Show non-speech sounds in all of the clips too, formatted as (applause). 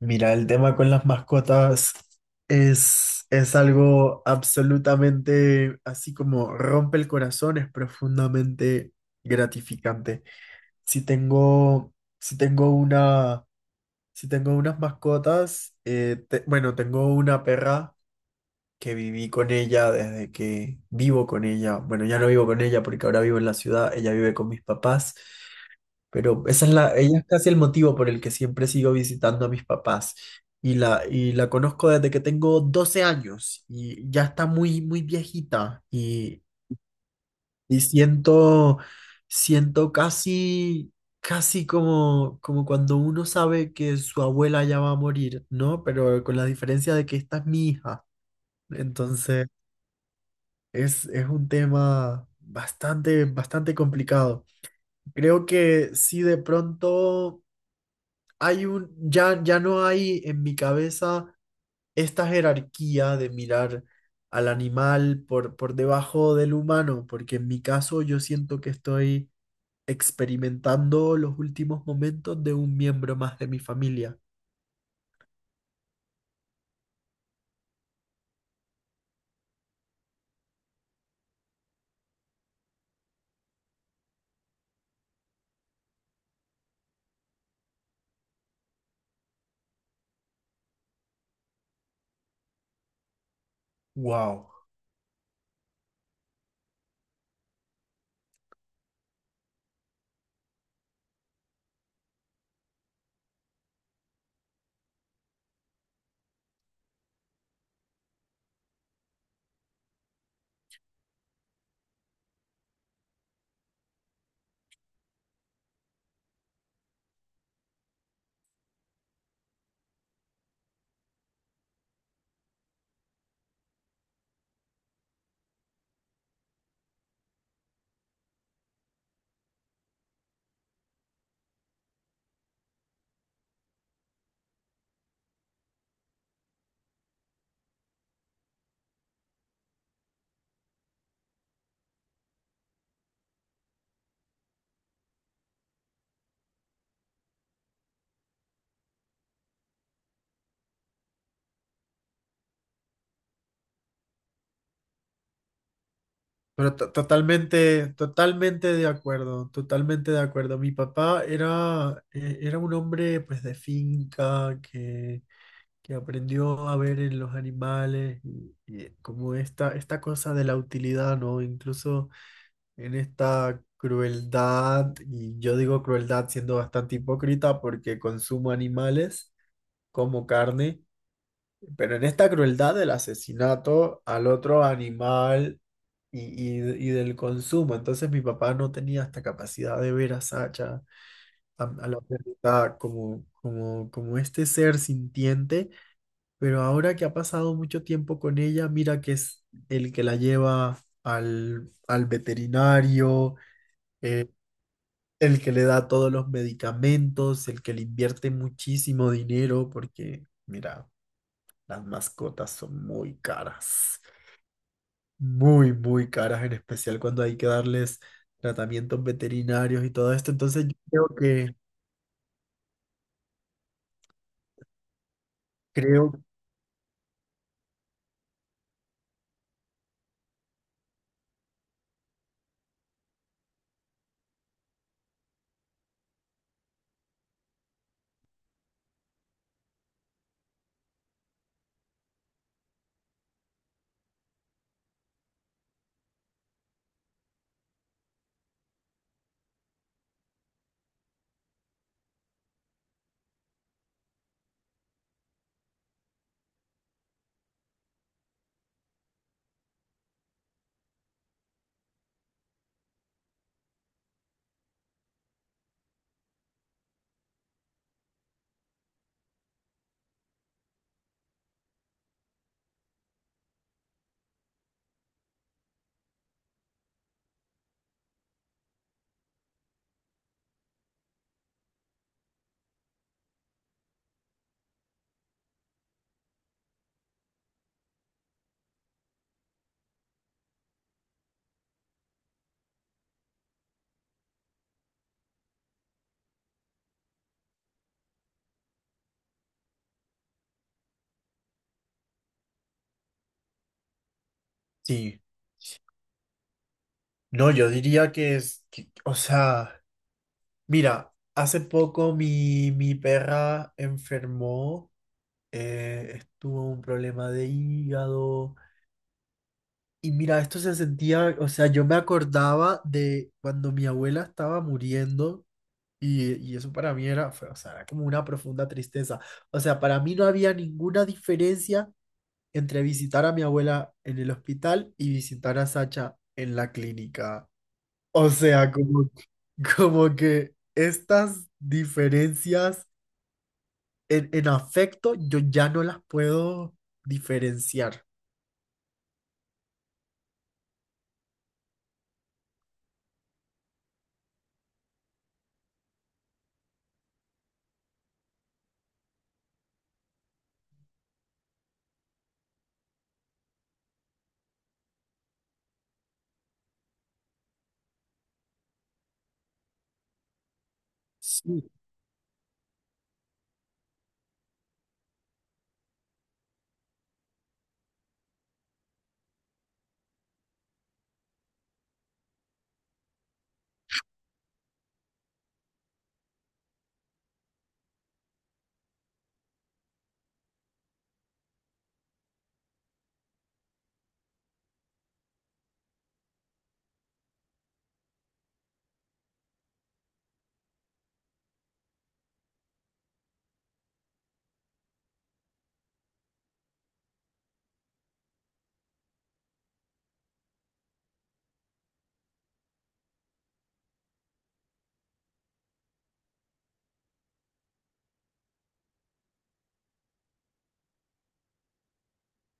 Mira, el tema con las mascotas es algo absolutamente así como rompe el corazón, es profundamente gratificante. Si tengo, si tengo una, si tengo unas mascotas, bueno, tengo una perra que viví con ella desde que vivo con ella. Bueno, ya no vivo con ella porque ahora vivo en la ciudad, ella vive con mis papás. Pero esa es ella es casi el motivo por el que siempre sigo visitando a mis papás. Y la conozco desde que tengo 12 años y ya está muy viejita. Y siento casi, casi como, como cuando uno sabe que su abuela ya va a morir, ¿no? Pero con la diferencia de que esta es mi hija. Entonces, es un tema bastante complicado. Creo que si de pronto ya no hay en mi cabeza esta jerarquía de mirar al animal por debajo del humano, porque en mi caso yo siento que estoy experimentando los últimos momentos de un miembro más de mi familia. Wow. Pero totalmente, totalmente de acuerdo, totalmente de acuerdo. Mi papá era, era un hombre pues de finca que aprendió a ver en los animales y como esta cosa de la utilidad, ¿no? Incluso en esta crueldad, y yo digo crueldad siendo bastante hipócrita porque consumo animales como carne, pero en esta crueldad del asesinato al otro animal y, y del consumo. Entonces mi papá no tenía esta capacidad de ver a Sacha, a la perrita, como este ser sintiente pero ahora que ha pasado mucho tiempo con ella, mira que es el que la lleva al veterinario, el que le da todos los medicamentos, el que le invierte muchísimo dinero, porque mira, las mascotas son muy caras, muy caras, en especial cuando hay que darles tratamientos veterinarios y todo esto. Entonces yo creo que, creo, sí, no, yo diría que o sea... Mira, hace poco mi perra enfermó, estuvo un problema de hígado. Y mira, esto se sentía, o sea, yo me acordaba de cuando mi abuela estaba muriendo y eso para mí o sea, era como una profunda tristeza. O sea, para mí no había ninguna diferencia entre visitar a mi abuela en el hospital y visitar a Sacha en la clínica. O sea, como, como que estas diferencias en afecto yo ya no las puedo diferenciar. Sí,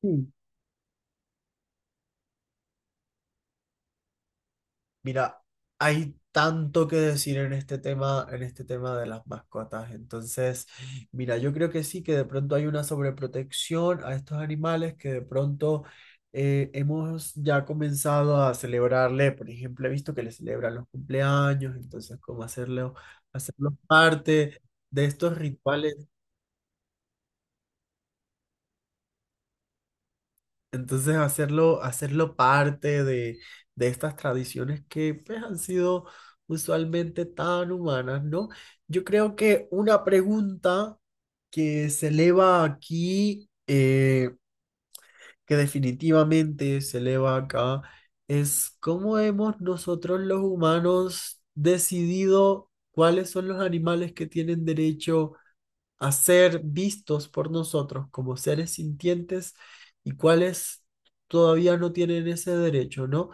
sí. Mira, hay tanto que decir en este tema de las mascotas. Entonces, mira, yo creo que sí, que de pronto hay una sobreprotección a estos animales que de pronto hemos ya comenzado a celebrarle. Por ejemplo, he visto que le celebran los cumpleaños, entonces, cómo hacerlo, hacerlo parte de estos rituales. Entonces hacerlo, hacerlo parte de estas tradiciones que pues, han sido usualmente tan humanas, ¿no? Yo creo que una pregunta que se eleva aquí, que definitivamente se eleva acá, es cómo hemos nosotros los humanos decidido cuáles son los animales que tienen derecho a ser vistos por nosotros como seres sintientes y cuáles todavía no tienen ese derecho, ¿no?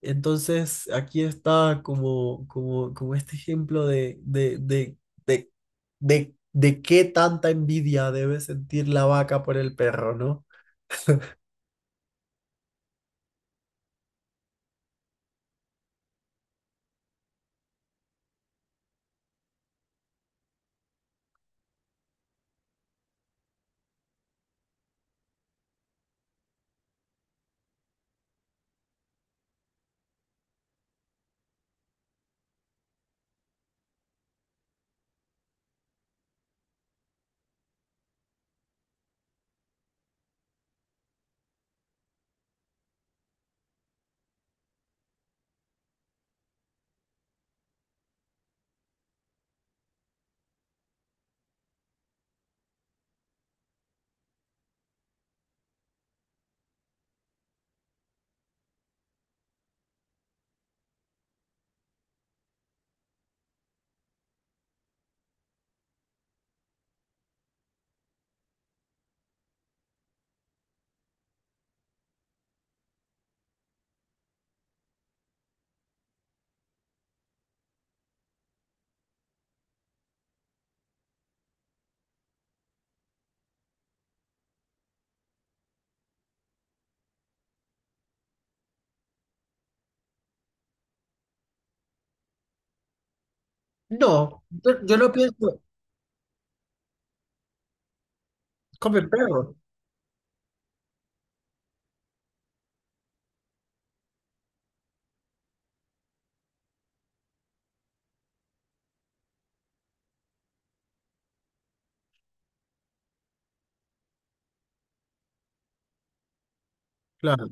Entonces, aquí está como este ejemplo de, de qué tanta envidia debe sentir la vaca por el perro, ¿no? No, yo no pienso, come el perro, claro,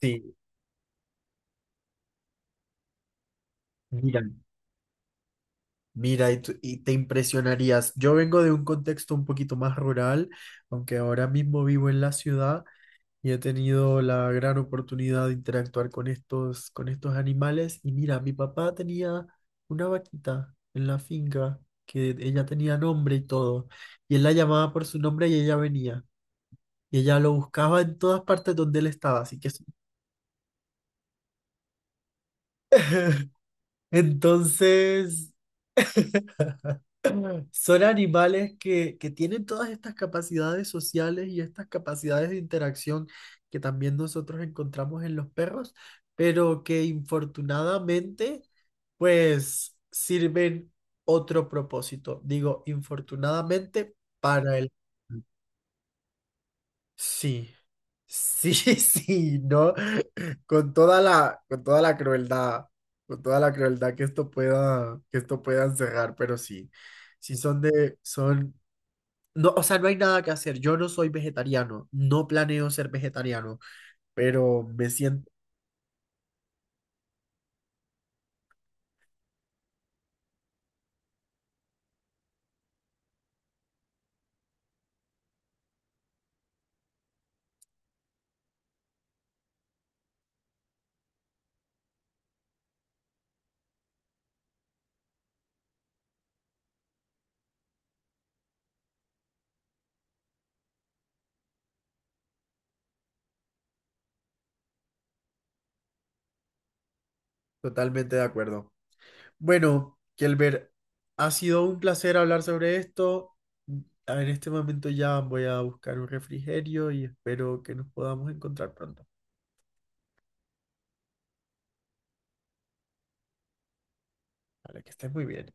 sí, mira. Mira, y te impresionarías. Yo vengo de un contexto un poquito más rural, aunque ahora mismo vivo en la ciudad, y he tenido la gran oportunidad de interactuar con estos animales. Y mira, mi papá tenía una vaquita en la finca que ella tenía nombre y todo. Y él la llamaba por su nombre y ella venía. Y ella lo buscaba en todas partes donde él estaba. Así que (laughs) entonces... (laughs) Son animales que tienen todas estas capacidades sociales y estas capacidades de interacción que también nosotros encontramos en los perros, pero que infortunadamente pues sirven otro propósito. Digo, infortunadamente para el... Sí, sí, (laughs) sí, ¿no? Con toda la crueldad, con toda la crueldad que esto pueda encerrar, pero sí, sí son de, son no, o sea, no hay nada que hacer. Yo no soy vegetariano, no planeo ser vegetariano, pero me siento totalmente de acuerdo. Bueno, Kelber, ha sido un placer hablar sobre esto. En este momento ya voy a buscar un refrigerio y espero que nos podamos encontrar pronto. Vale, que estés muy bien.